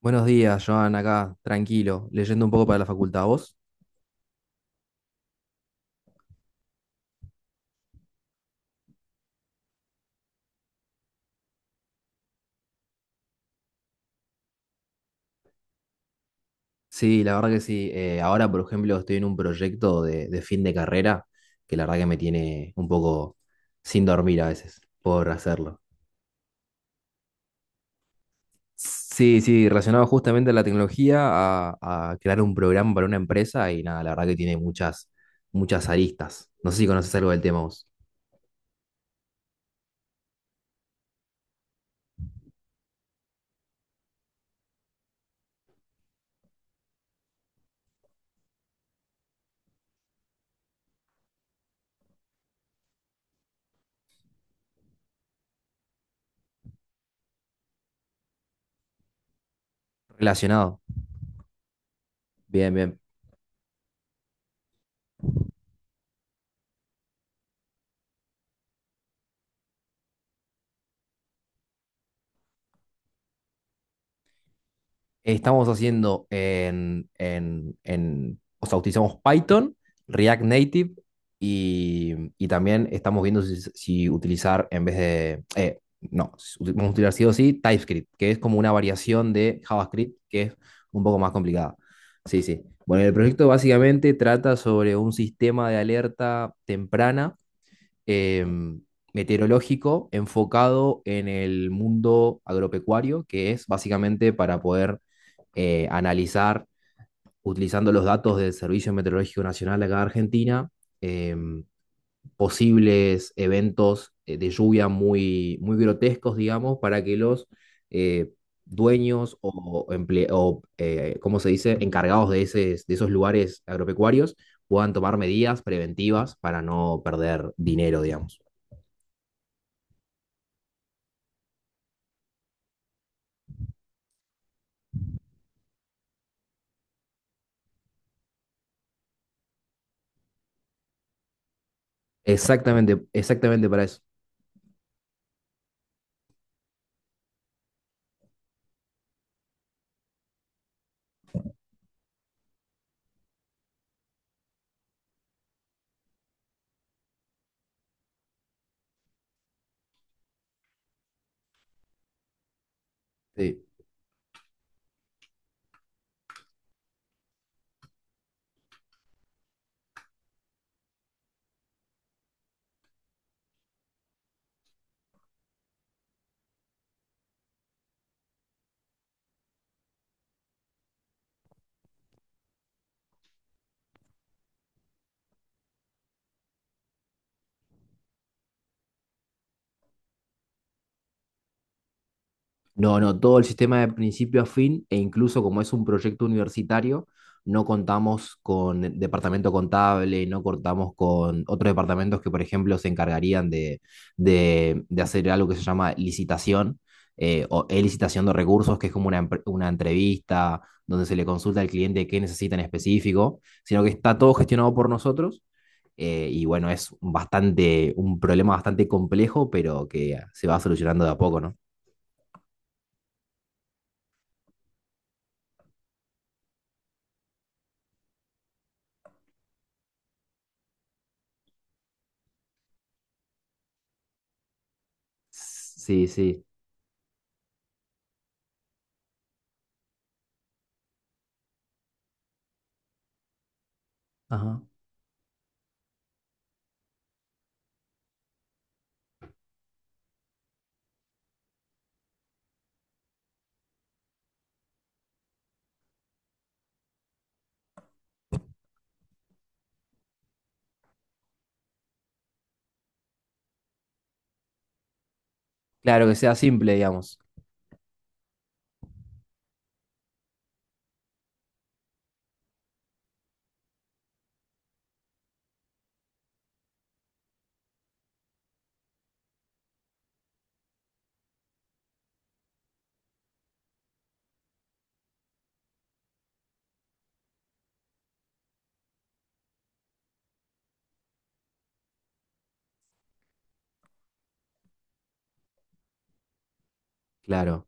Buenos días, Joan, acá, tranquilo, leyendo un poco para la facultad. ¿Vos? Sí, la verdad que sí. Ahora, por ejemplo, estoy en un proyecto de fin de carrera que la verdad que me tiene un poco sin dormir a veces por hacerlo. Sí, sí, relacionado justamente a la tecnología, a crear un programa para una empresa y nada, la verdad que tiene muchas aristas. No sé si conoces algo del tema vos. Relacionado. Bien, bien. Estamos haciendo o sea, utilizamos Python, React Native y también estamos viendo si utilizar en vez de, no, si uti- vamos a utilizar sí o sí TypeScript, que es como una variación de JavaScript que es un poco más complicada. Sí, sí. Bueno, el proyecto básicamente trata sobre un sistema de alerta temprana eh, meteorológico, enfocado en el mundo agropecuario, que es básicamente para poder analizar, utilizando los datos del Servicio Meteorológico Nacional acá de Argentina, eh, posibles eventos de lluvia muy grotescos, digamos, para que los eh, dueños ¿cómo se dice?, encargados de esos lugares agropecuarios puedan tomar medidas preventivas para no perder dinero, digamos. Exactamente, exactamente para eso. Sí. No, no, todo el sistema de principio a fin e incluso como es un proyecto universitario, no contamos con el departamento contable, no contamos con otros departamentos que, por ejemplo, se encargarían de hacer algo que se llama licitación o licitación de recursos, que es como una entrevista donde se le consulta al cliente qué necesita en específico, sino que está todo gestionado por nosotros. Y bueno, es bastante, un problema bastante complejo, pero que se va solucionando de a poco, ¿no? Sí, sí. Ajá. Claro, que sea simple, digamos. Claro.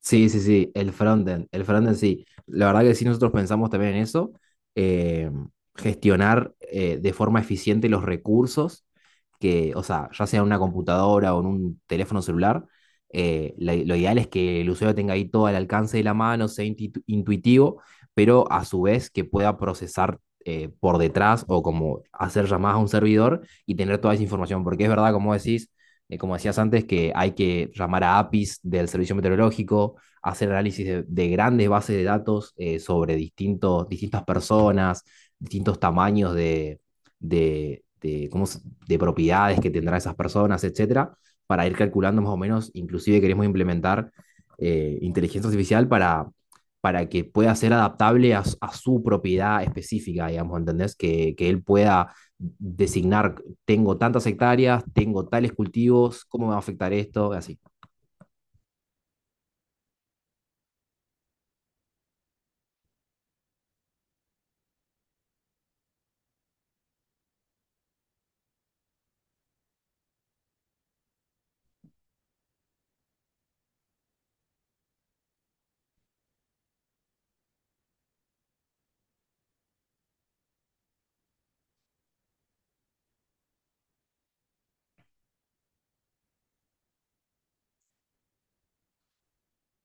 Sí, sí, sí. El frontend. El frontend sí. La verdad que sí, nosotros pensamos también en eso. Eh, gestionar de forma eficiente los recursos que, o sea, ya sea en una computadora o en un teléfono celular, lo ideal es que el usuario tenga ahí todo al alcance de la mano, sea intuitivo, pero a su vez que pueda procesar por detrás o como hacer llamadas a un servidor y tener toda esa información, porque es verdad, como decís, como decías antes, que hay que llamar a APIs del servicio meteorológico, hacer análisis de grandes bases de datos sobre distintas personas, distintos tamaños de, cómo de propiedades que tendrán esas personas, etcétera, para ir calculando más o menos. Inclusive queremos implementar inteligencia artificial para que pueda ser adaptable a, a su propiedad específica, digamos, ¿entendés? Que él pueda designar, tengo tantas hectáreas, tengo tales cultivos, ¿cómo me va a afectar esto? Y así.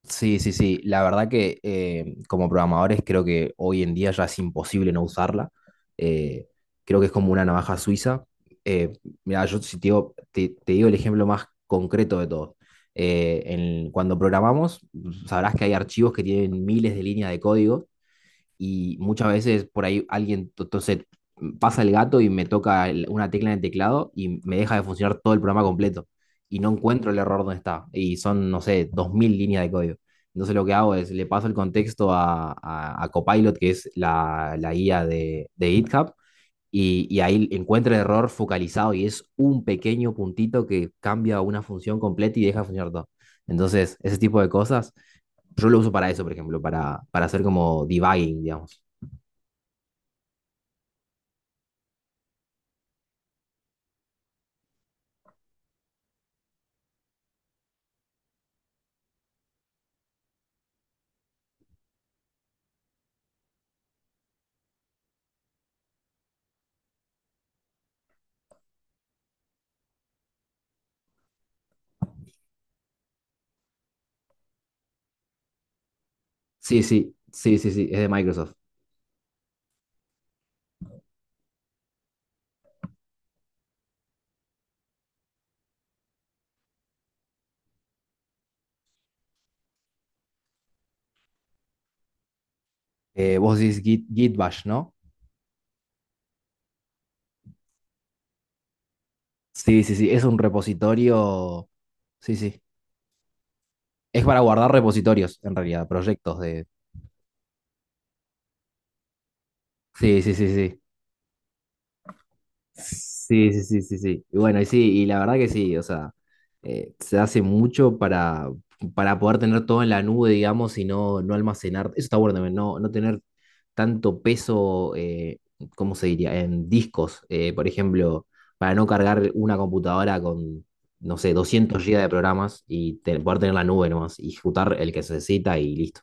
Sí, sí, sí. La verdad que como programadores creo que hoy en día ya es imposible no usarla. Eh, Creo que es como una navaja suiza. Eh, Mira, yo si te digo, te digo el ejemplo más concreto de todo. Cuando programamos, sabrás que hay archivos que tienen miles de líneas de código y muchas veces por ahí entonces pasa el gato y me toca una tecla en el teclado y me deja de funcionar todo el programa completo y no encuentro el error donde está y son, no sé, 2000 líneas de código. Entonces lo que hago es, le paso el contexto a Copilot, que es la guía de GitHub, y ahí encuentra el error focalizado y es un pequeño puntito que cambia una función completa y deja de funcionar todo. Entonces, ese tipo de cosas, yo lo uso para eso, por ejemplo, para hacer como debugging, digamos. Sí, sí, sí, sí, sí, es de Microsoft. Vos decís Git, Git Bash, ¿no? Sí, sí, sí, es un repositorio. Sí, sí. Es para guardar repositorios, en realidad, proyectos de. Sí, sí, sí, sí. Sí, sí, sí, sí, sí. Y bueno, y sí, y la verdad que sí, o sea, se hace mucho para poder tener todo en la nube, digamos, y no, no almacenar. Eso está bueno también, no, no tener tanto peso, ¿cómo se diría? En discos, por ejemplo, para no cargar una computadora con, no sé, 200 GB de programas y poder tener la nube nomás, y ejecutar el que se necesita y listo.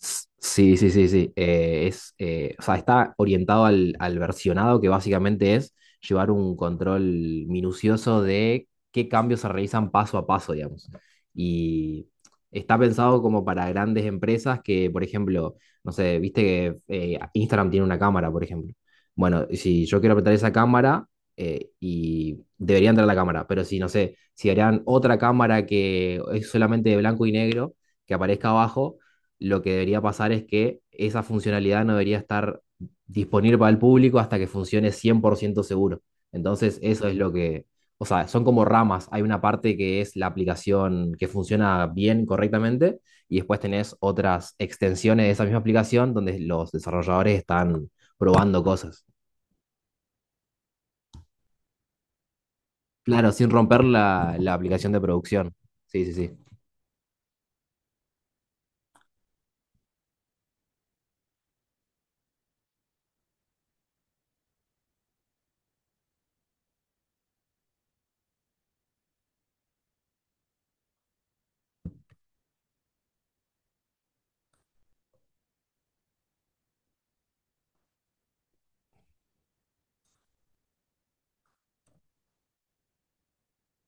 Sí, sí, sí, sí. Es, o sea, está orientado al versionado, que básicamente es llevar un control minucioso de qué cambios se realizan paso a paso, digamos. Y está pensado como para grandes empresas que, por ejemplo, no sé, viste que Instagram tiene una cámara, por ejemplo. Bueno, si yo quiero apretar esa cámara, y debería entrar la cámara, pero si, no sé, si harían otra cámara que es solamente de blanco y negro, que aparezca abajo. Lo que debería pasar es que esa funcionalidad no debería estar disponible para el público hasta que funcione 100% seguro. Entonces, eso es lo que, o sea, son como ramas. Hay una parte que es la aplicación que funciona bien, correctamente, y después tenés otras extensiones de esa misma aplicación donde los desarrolladores están probando cosas. Claro, sin romper la aplicación de producción. Sí, sí, sí.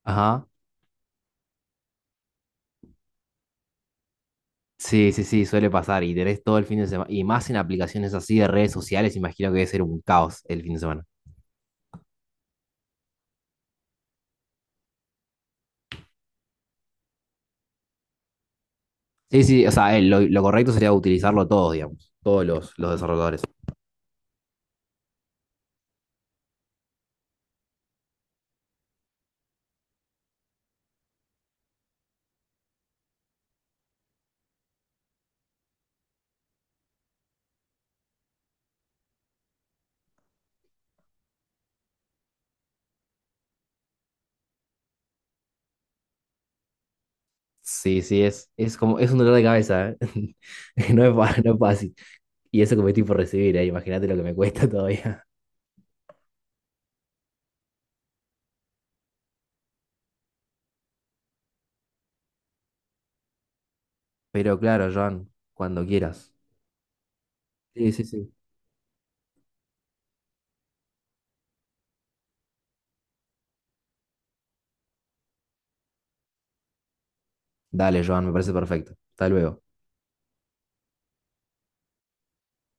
Ajá. Sí, sí, sí, suele pasar y tenés todo el fin de semana, y más en aplicaciones así de redes sociales, imagino que debe ser un caos el fin de semana. Sí, sí, o sea, lo correcto sería utilizarlo todos, digamos, todos los desarrolladores. Sí, sí, es como, es un dolor de cabeza, ¿eh? No es, no es fácil. Y eso que me estoy por recibir, ¿eh? Imagínate lo que me cuesta todavía. Pero claro, Joan, cuando quieras. Sí, sí, sí. Dale, Joan, me parece perfecto. Hasta luego.